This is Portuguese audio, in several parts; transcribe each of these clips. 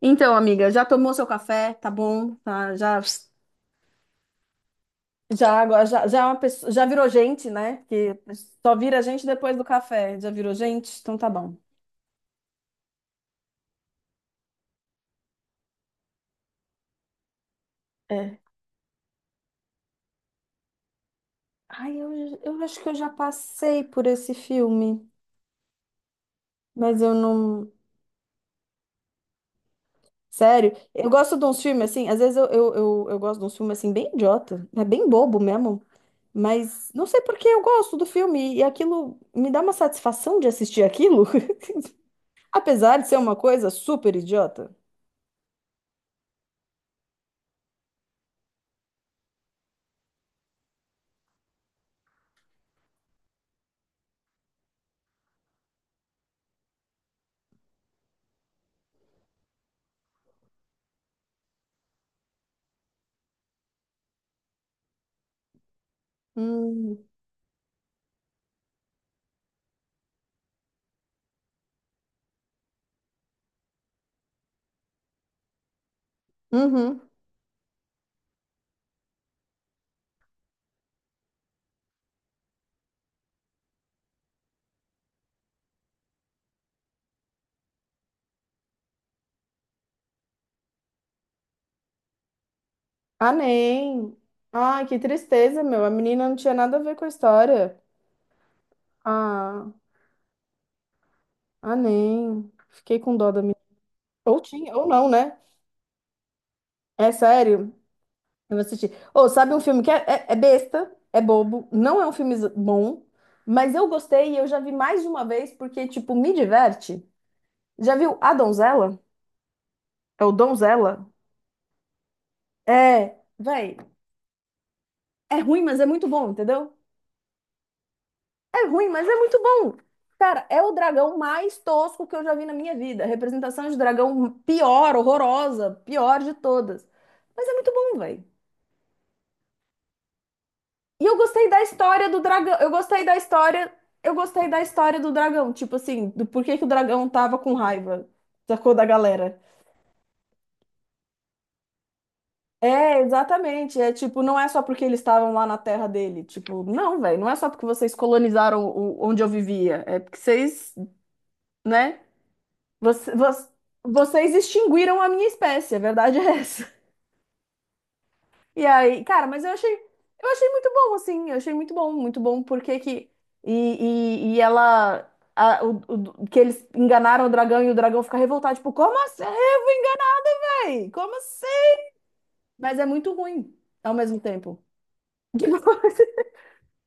Então, amiga, já tomou seu café? Tá bom? Tá, já, já, é uma pessoa- já virou gente, né? Que só vira gente depois do café. Já virou gente? Então tá bom. É. Ai, eu, eu acho que eu já passei por esse filme, mas eu não. Sério, eu gosto de uns filmes assim, às vezes eu gosto de uns filmes assim, bem idiota, é bem bobo mesmo, mas não sei por que eu gosto do filme e aquilo me dá uma satisfação de assistir aquilo, apesar de ser uma coisa super idiota. Hum. Uhum. Ah, nem. Ai, que tristeza, meu. A menina não tinha nada a ver com a história. Ah, ah, nem. Fiquei com dó da menina. Ou tinha, ou não, né? É sério. Eu vou assistir. Ô, sabe um filme que é besta, é bobo, não é um filme z- bom, mas eu gostei e eu já vi mais de uma vez porque, tipo, me diverte. Já viu A Donzela? É o Donzela? É, véi. É ruim, mas é muito bom, entendeu? É ruim, mas é muito bom. Cara, é o dragão mais tosco que eu já vi na minha vida. Representação de dragão pior, horrorosa, pior de todas. Mas é muito bom, velho. E eu gostei da história do dragão. Eu gostei da história. Eu gostei da história do dragão. Tipo assim, do porquê que o dragão tava com raiva. Sacou da galera. É, exatamente. É tipo, não é só porque eles estavam lá na terra dele. Tipo, não, velho. Não é só porque vocês colonizaram o, onde eu vivia. É porque vocês, né? Você- você- vocês extinguiram a minha espécie, a verdade é essa. E aí, cara, mas eu achei muito bom, assim, eu achei muito bom, porque que. E ela. a- o, que eles enganaram o dragão e o dragão fica revoltado, tipo, como assim? Como assim? Mas é muito ruim ao mesmo tempo. Tipo,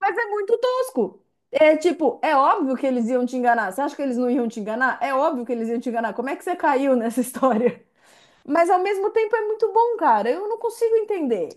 mas é muito tosco. É tipo, é óbvio que eles iam te enganar. Você acha que eles não iam te enganar? É óbvio que eles iam te enganar. Como é que você caiu nessa história? Mas ao mesmo tempo é muito bom, cara. Eu não consigo entender.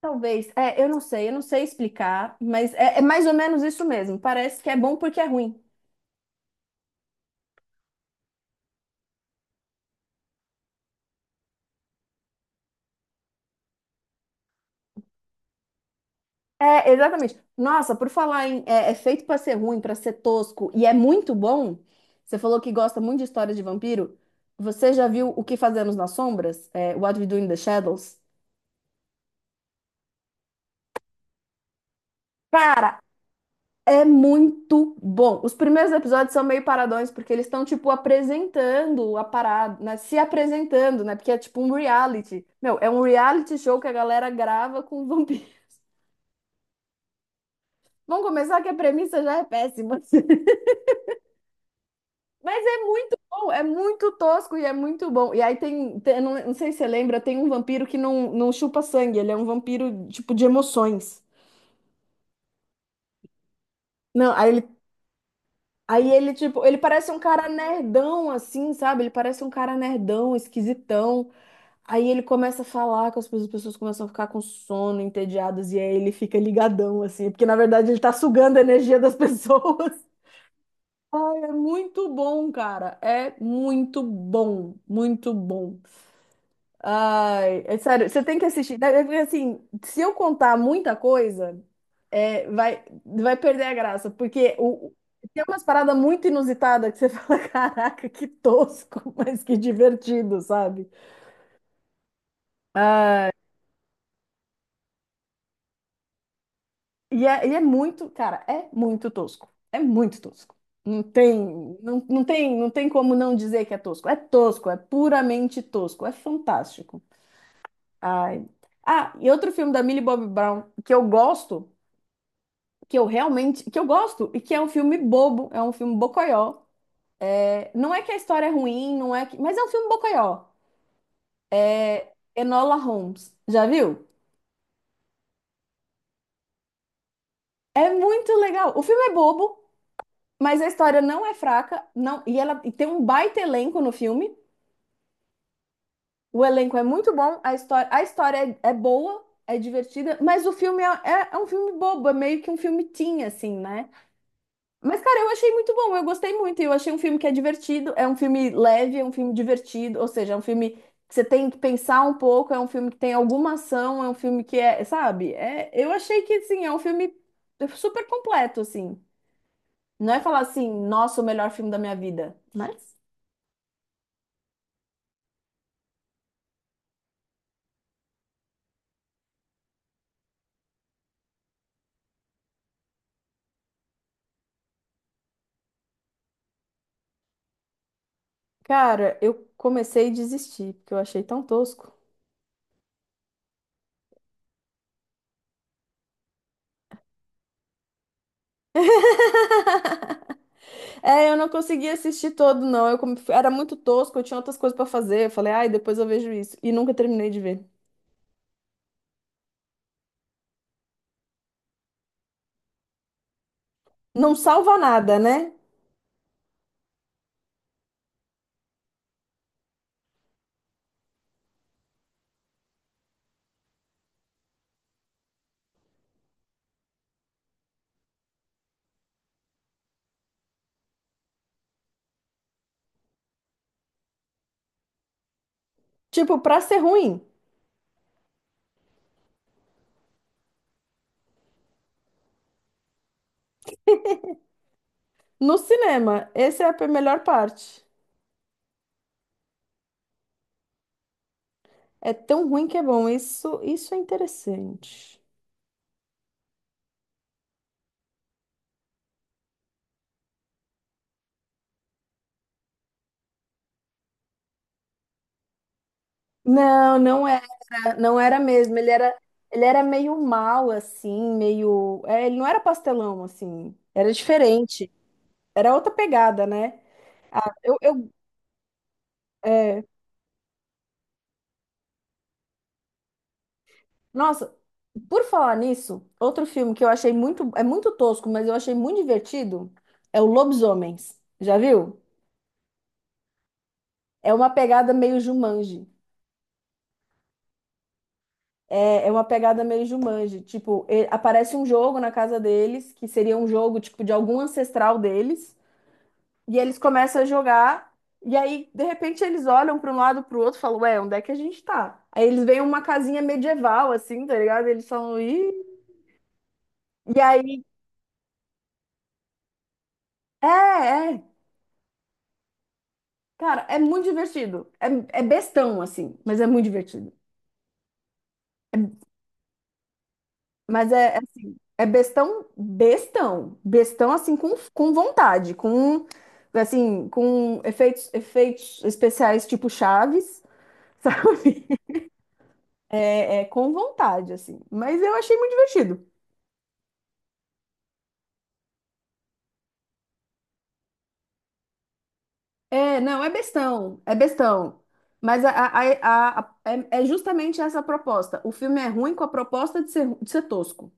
Talvez, é, eu não sei explicar, mas é mais ou menos isso mesmo. Parece que é bom porque é ruim. É, exatamente. Nossa, por falar em é, é feito pra ser ruim, pra ser tosco e é muito bom. Você falou que gosta muito de história de vampiro. Você já viu O que Fazemos nas Sombras? É, What We Do in the Shadows? Cara, é muito bom. Os primeiros episódios são meio paradões, porque eles estão, tipo, apresentando a parada, né? Se apresentando, né? Porque é tipo um reality. Meu, é um reality show que a galera grava com vampiros. Vamos começar que a premissa já é péssima. Mas é muito bom, é muito tosco e é muito bom. E aí não, não sei se você lembra, tem um vampiro que não, não chupa sangue, ele é um vampiro, tipo, de emoções. Não. Aí ele, tipo, ele parece um cara nerdão, assim, sabe? Ele parece um cara nerdão, esquisitão. Aí ele começa a falar que as as pessoas começam a ficar com sono, entediadas, e aí ele fica ligadão, assim, porque na verdade ele tá sugando a energia das pessoas. É muito bom, cara. É muito bom, muito bom. Ai, é sério, você tem que assistir. Daí, porque assim, se eu contar muita coisa, é, vai perder a graça, porque tem umas paradas muito inusitadas que você fala, caraca, que tosco, mas que divertido, sabe? Ah, e é muito, cara, é muito tosco. É muito tosco. Não tem, não tem, não tem como não dizer que é tosco. É tosco, é puramente tosco, é fantástico. Ai. Ah, e outro filme da Millie Bobby Brown que eu gosto. Que eu realmente, que eu gosto e que é um filme bobo, é um filme bocoió. É, não é que a história é ruim, não é que, mas é um filme bocoió. Enola Holmes, já viu? É muito legal. O filme é bobo, mas a história não é fraca, não, e ela e tem um baita elenco no filme. O elenco é muito bom, a história é, é boa, é divertida, mas o filme é um filme bobo, é meio que um filme teen, assim, né? Mas, cara, eu achei muito bom, eu gostei muito. Eu achei um filme que é divertido, é um filme leve, é um filme divertido, ou seja, é um filme que você tem que pensar um pouco, é um filme que tem alguma ação, é um filme que é, sabe? É, eu achei que, assim, é um filme super completo, assim. Não é falar assim, nossa, o melhor filme da minha vida. Mas, cara, eu comecei a desistir, porque eu achei tão tosco. É, eu não consegui assistir todo, não. Eu era muito tosco, eu tinha outras coisas pra fazer. Eu falei, ai, depois eu vejo isso. E nunca terminei de ver. Não salva nada, né? Tipo, pra ser ruim, no cinema, essa é a melhor parte. É tão ruim que é bom. Isso é interessante. Não, não era, não era mesmo. Ele era meio mal assim, meio, é, ele não era pastelão assim. Era diferente. Era outra pegada, né? Eu, eu, é, nossa, por falar nisso, outro filme que eu achei muito, é muito tosco, mas eu achei muito divertido, é o Lobisomens. Já viu? É uma pegada meio Jumanji. É uma pegada meio Jumanji. Tipo, e- aparece um jogo na casa deles, que seria um jogo, tipo, de algum ancestral deles. E eles começam a jogar. E aí, de repente, eles olham para um lado para o outro e falam, ué, onde é que a gente tá? Aí eles veem uma casinha medieval, assim, tá ligado? Eles falam, ih... E aí... É, é. Cara, é muito divertido. É, é bestão, assim, mas é muito divertido. É mas é, é assim, é bestão, assim com vontade, com assim, com efeitos, efeitos especiais tipo Chaves, sabe? É, é com vontade assim. Mas eu achei muito divertido. É, não, é bestão. Mas é, é justamente essa a proposta. O filme é ruim com a proposta de ser tosco.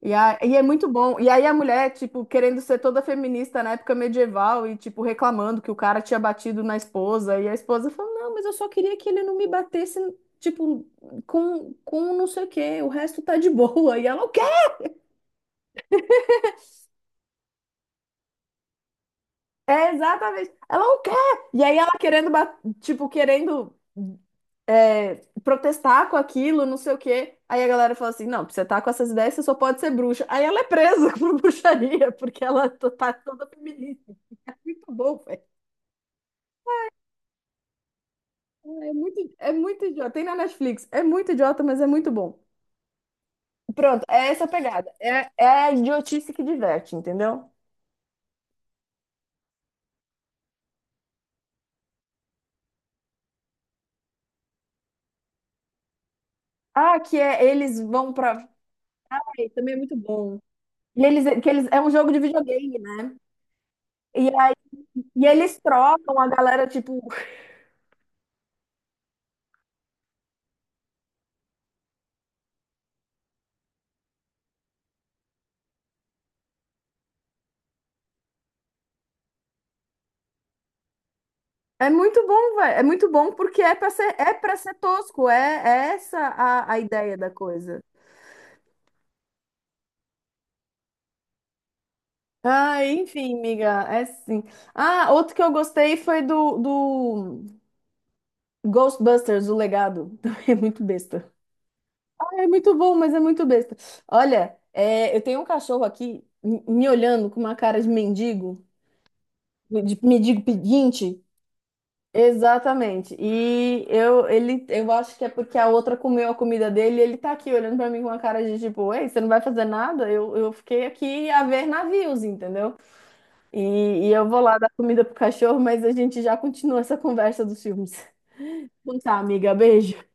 E é muito bom. E aí a mulher, tipo, querendo ser toda feminista na época medieval e, tipo, reclamando que o cara tinha batido na esposa. E a esposa falou, não, mas eu só queria que ele não me batesse, tipo, com não sei o quê. O resto tá de boa. E ela não quer. É, exatamente. Ela não quer. E aí ela querendo, tipo, querendo protestar com aquilo, não sei o quê. Aí a galera fala assim, não, pra você tá com essas ideias, você só pode ser bruxa. Aí ela é presa por bruxaria, porque ela tá toda feminista. É muito bom, velho. É muito idiota. Tem na Netflix. É muito idiota, mas é muito bom. Pronto, é essa a pegada. É, é a idiotice que diverte, entendeu? Ah, que é eles vão pra. Ai, também é muito bom. E é um jogo de videogame, né? E, a- e eles trocam a galera, tipo. É muito bom, velho. É muito bom porque é pra ser tosco. É, é essa a ideia da coisa. Ah, enfim, amiga, é sim. Ah, outro que eu gostei foi do Ghostbusters, o legado. É muito besta. Ah, é muito bom, mas é muito besta. Olha, é, eu tenho um cachorro aqui me olhando com uma cara de mendigo pedinte. Exatamente. E eu, ele, eu acho que é porque a outra comeu a comida dele e ele tá aqui olhando pra mim com uma cara de tipo, ei, você não vai fazer nada? Eu fiquei aqui a ver navios, entendeu? E, e eu vou lá dar comida pro cachorro, mas a gente já continua essa conversa dos filmes. Então tá, amiga, beijo.